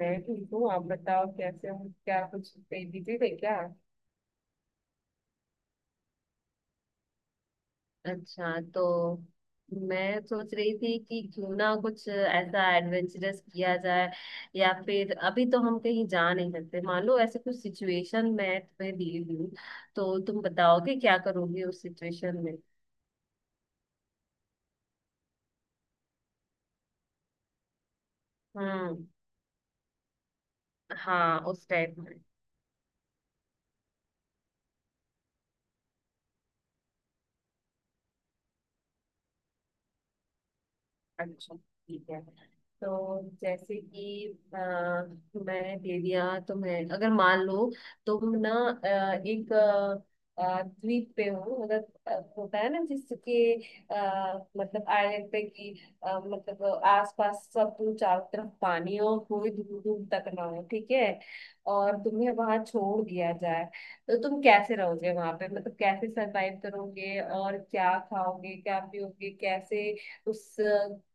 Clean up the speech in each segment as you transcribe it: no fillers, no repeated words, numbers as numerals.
मैं ठीक हूँ। आप बताओ कैसे हो। क्या कुछ बिजी थे क्या? अच्छा, तो मैं सोच रही थी कि क्यों ना कुछ ऐसा एडवेंचरस किया जाए। या फिर अभी तो हम कहीं जा नहीं सकते, मान लो ऐसे कुछ सिचुएशन मैं तुम्हें दी हुई हूँ तो तुम बताओगे क्या करोगे उस सिचुएशन में। हम्म। हाँ उस टाइप। अच्छा ठीक है। तो जैसे कि अ, मैं दे दिया तुम्हें, अगर मान लो तुम ना एक द्वीप पे हो, मतलब होता है ना जिसके, मतलब आइलैंड पे की, मतलब आसपास सब चारों तरफ पानी हो, कोई दूर दूर तक ना हो, ठीक है। और तुम्हें वहां छोड़ दिया जाए तो तुम कैसे रहोगे वहां पे, मतलब कैसे सरवाइव करोगे, और क्या खाओगे क्या पियोगे, कैसे उस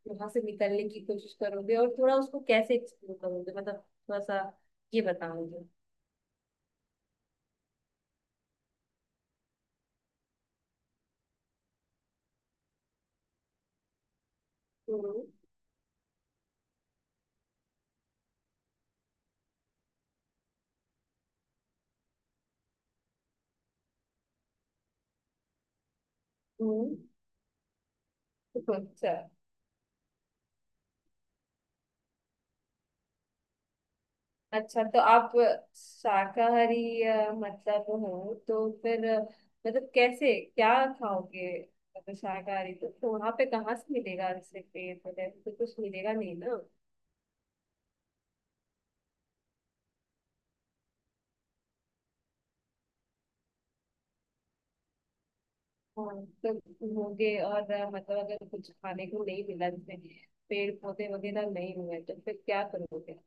वहां से निकलने की कोशिश करोगे, और थोड़ा उसको कैसे एक्सप्लोर करोगे, मतलब थोड़ा सा ये बताओगे। हम्म, हम्म। अच्छा, अच्छा। तो आप शाकाहारी मतलब हो तो फिर मतलब कैसे क्या खाओगे? मतलब शाकाहारी तो वहां पे कहाँ से मिलेगा, जैसे पेड़ वगैरह तो कुछ मिलेगा नहीं ना। हाँ तो होगे, और मतलब अगर कुछ खाने को नहीं मिला, जैसे पेड़ पौधे वगैरह नहीं हुए, तो फिर क्या करोगे?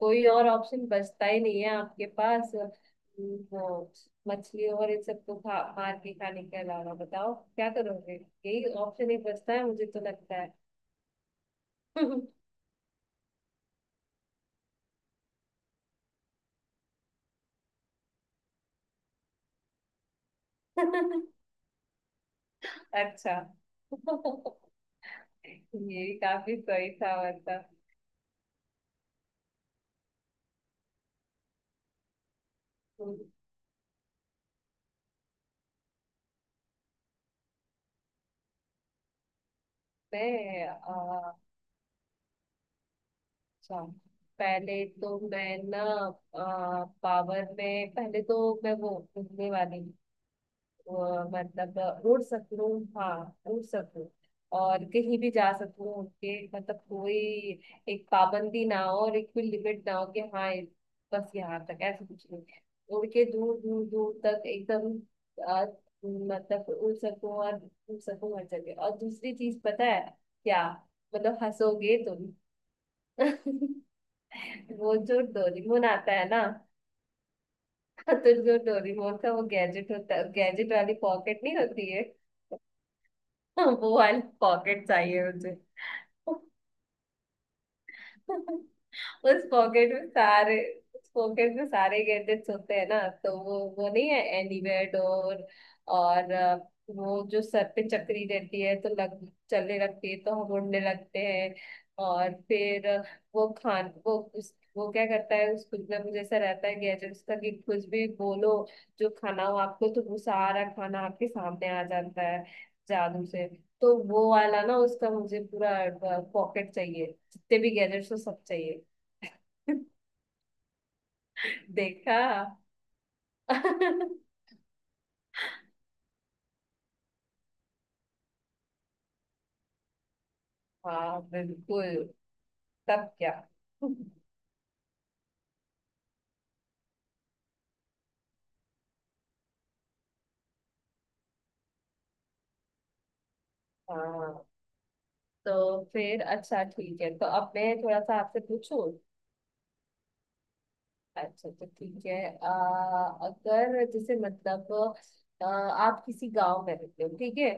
कोई और ऑप्शन बचता ही नहीं है आपके पास। वो मछली और इन सबको खा मार के खाने के अलावा बताओ क्या करोगे। यही ऑप्शन एक बचता है मुझे तो लगता है। अच्छा। ये भी काफी सही था मतलब। मैं अच्छा, पहले तो मैं ना पावर में पहले तो मैं वो घूमने वाली, वो मतलब उड़ सकूं। हाँ, उड़ सकूं और कहीं भी जा सकूं उड़ के, मतलब कोई एक पाबंदी ना हो और एक कोई लिमिट ना हो कि हाँ बस यहाँ तक, ऐसा कुछ नहीं। उड़ के दूर दूर दूर तक एकदम, आ, मतलब उड़ सकूं, और उड़ सकूं हर जगह। और दूसरी चीज पता है क्या? मतलब हंसोगे तुम। वो जो डोरेमोन आता है ना। तो जो डोरेमोन का वो गैजेट होता है, गैजेट वाली पॉकेट नहीं होती है? वो वाली पॉकेट चाहिए मुझे। उस पॉकेट में सारे उस पॉकेट में सारे गैजेट्स होते हैं ना, तो वो नहीं है एनीवेयर डोर। और वो जो सर पे चक्री रहती है तो लग चलने लगती है, तो हम उड़ने लगते हैं। और फिर वो क्या करता है, उस कुछ ना कुछ ऐसा रहता है गैजेट्स का कि कुछ भी बोलो, जो खाना हो आपको तो वो सारा खाना आपके सामने आ जाता है, जादू से। तो वो वाला ना उसका मुझे पूरा पॉकेट चाहिए, जितने भी गैजेट्स हो सब चाहिए। देखा? हाँ बिल्कुल। तब क्या? हाँ, तो फिर अच्छा ठीक है। तो अब मैं थोड़ा सा आपसे पूछूं। अच्छा तो ठीक है, अगर जैसे मतलब आप किसी गांव में रहते हो, ठीक है?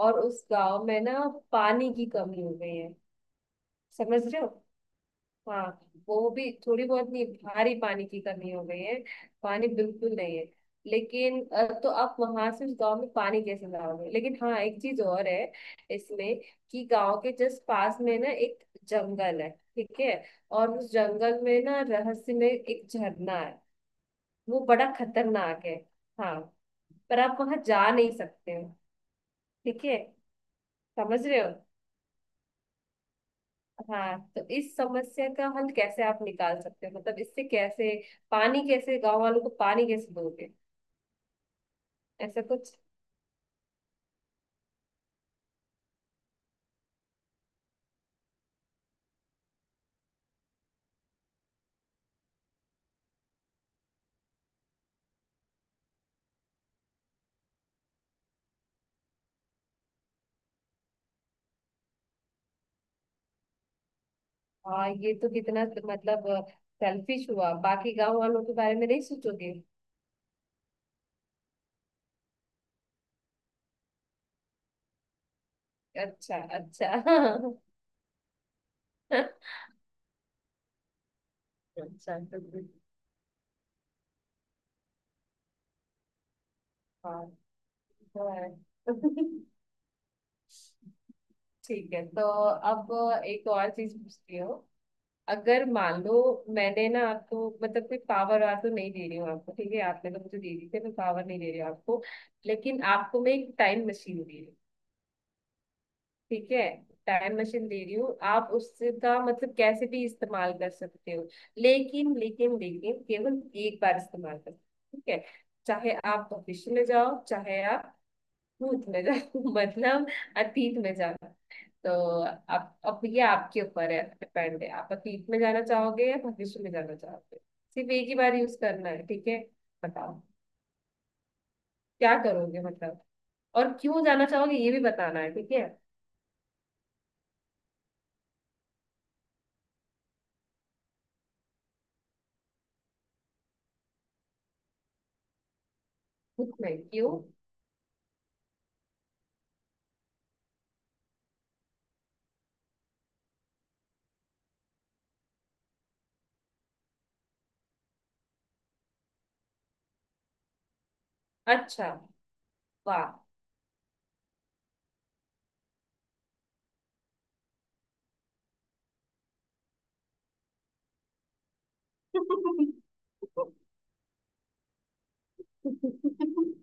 और उस गांव में ना पानी की कमी हो गई है, समझ रहे हो? हाँ, वो भी थोड़ी बहुत नहीं, भारी पानी की कमी हो गई है, पानी बिल्कुल नहीं है। लेकिन तो आप वहां से उस गांव में पानी कैसे लाओगे? लेकिन हाँ, एक चीज और है इसमें, कि गांव के जस्ट पास में ना एक जंगल है, ठीक है। और उस जंगल में ना, रहस्य में एक झरना है, वो बड़ा खतरनाक है। हाँ, पर आप वहां जा नहीं सकते हो, ठीक है, समझ रहे हो? हाँ तो इस समस्या का हल कैसे आप निकाल सकते हो, मतलब इससे कैसे पानी कैसे गांव वालों को पानी कैसे दोगे? ऐसा कुछ। हाँ ये तो कितना मतलब सेल्फिश हुआ, बाकी गांव वालों के बारे में नहीं सोचोगे? अच्छा, अच्छा। अच्छा तो फिर- हाँ तो है। ठीक है, तो अब एक और चीज पूछती हूँ, अगर मान लो। मैंने ना आपको मतलब कोई पावर वार तो नहीं दे रही हूँ आपको, ठीक है? आपने तो मुझे दे दी थी, मैं पावर नहीं दे रही हूँ आपको। लेकिन आपको मैं एक टाइम मशीन दे रही हूँ, ठीक है। टाइम मशीन दे रही हूँ, आप उससे का मतलब कैसे भी इस्तेमाल कर सकते हो, लेकिन लेकिन लेकिन केवल एक बार इस्तेमाल कर सकते हो, ठीक है। चाहे आप भविष्य में जाओ, चाहे आप भूत में जाओ, मतलब अतीत में जाओ। तो आप, अब ये आपके ऊपर है, डिपेंड है, आप अतीत में जाना चाहोगे या भविष्य में जाना चाहोगे। सिर्फ एक ही बार यूज करना है, ठीक है। बताओ क्या करोगे मतलब, और क्यों जाना चाहोगे ये भी बताना है, ठीक है। खुद में क्यों? अच्छा। वाह।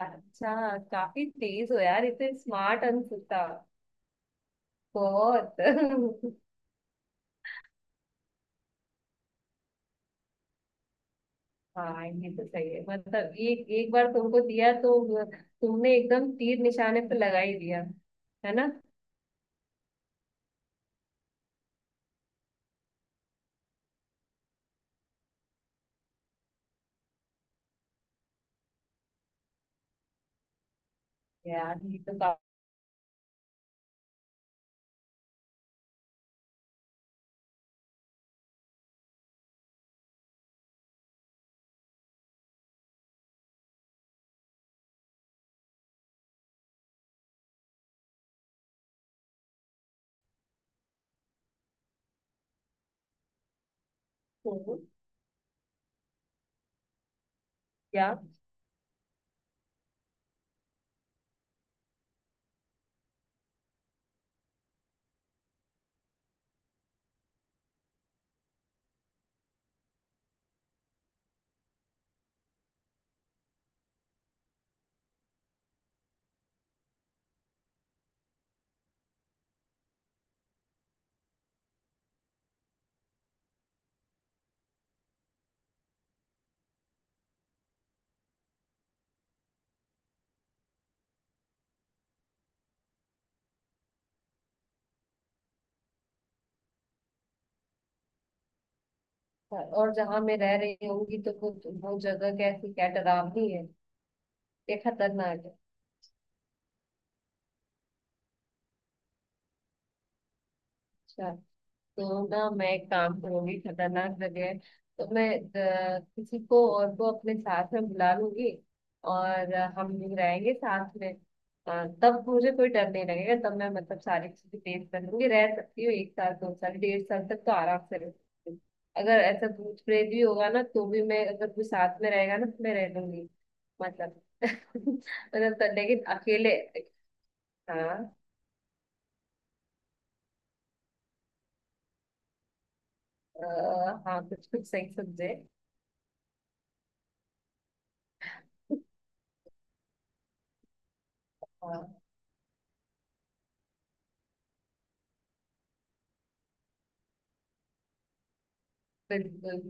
अच्छा, काफी तेज हो यार, इतने स्मार्ट अंकुता, बहुत। हाँ ये तो सही है मतलब, एक एक बार तुमको दिया तो तुमने एकदम तीर निशाने पे लगा ही दिया, है ना। यार, ये तो काफी। हूँ? क्या? और जहाँ मैं रह रही होंगी तो वो जगह कैसी, क्या डरावनी है? ये खतरनाक है? अच्छा तो ना मैं एक काम करूंगी, खतरनाक जगह है तो मैं किसी को और को अपने साथ में बुला लूंगी, और हम लोग रहेंगे साथ में, तब मुझे कोई डर नहीं लगेगा, तब मैं मतलब सारी चीजें फेस कर लूंगी, रह सकती हूँ एक साल 2 साल 1.5 साल तक तो आराम से रह सकती हूँ। अगर ऐसा भूत प्रेत भी होगा ना तो भी मैं, अगर कोई साथ में रहेगा ना तो मैं रह लूंगी, मतलब। मतलब तो, लेकिन अकेले। हाँ हाँ कुछ कुछ सही समझे। हाँ बिल्कुल।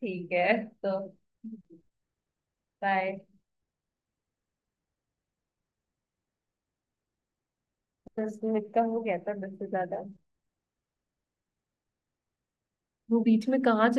ठीक है तो बाय। 10 मिनट का हो गया था, 10 से ज्यादा। वो बीच में कहाँ चला।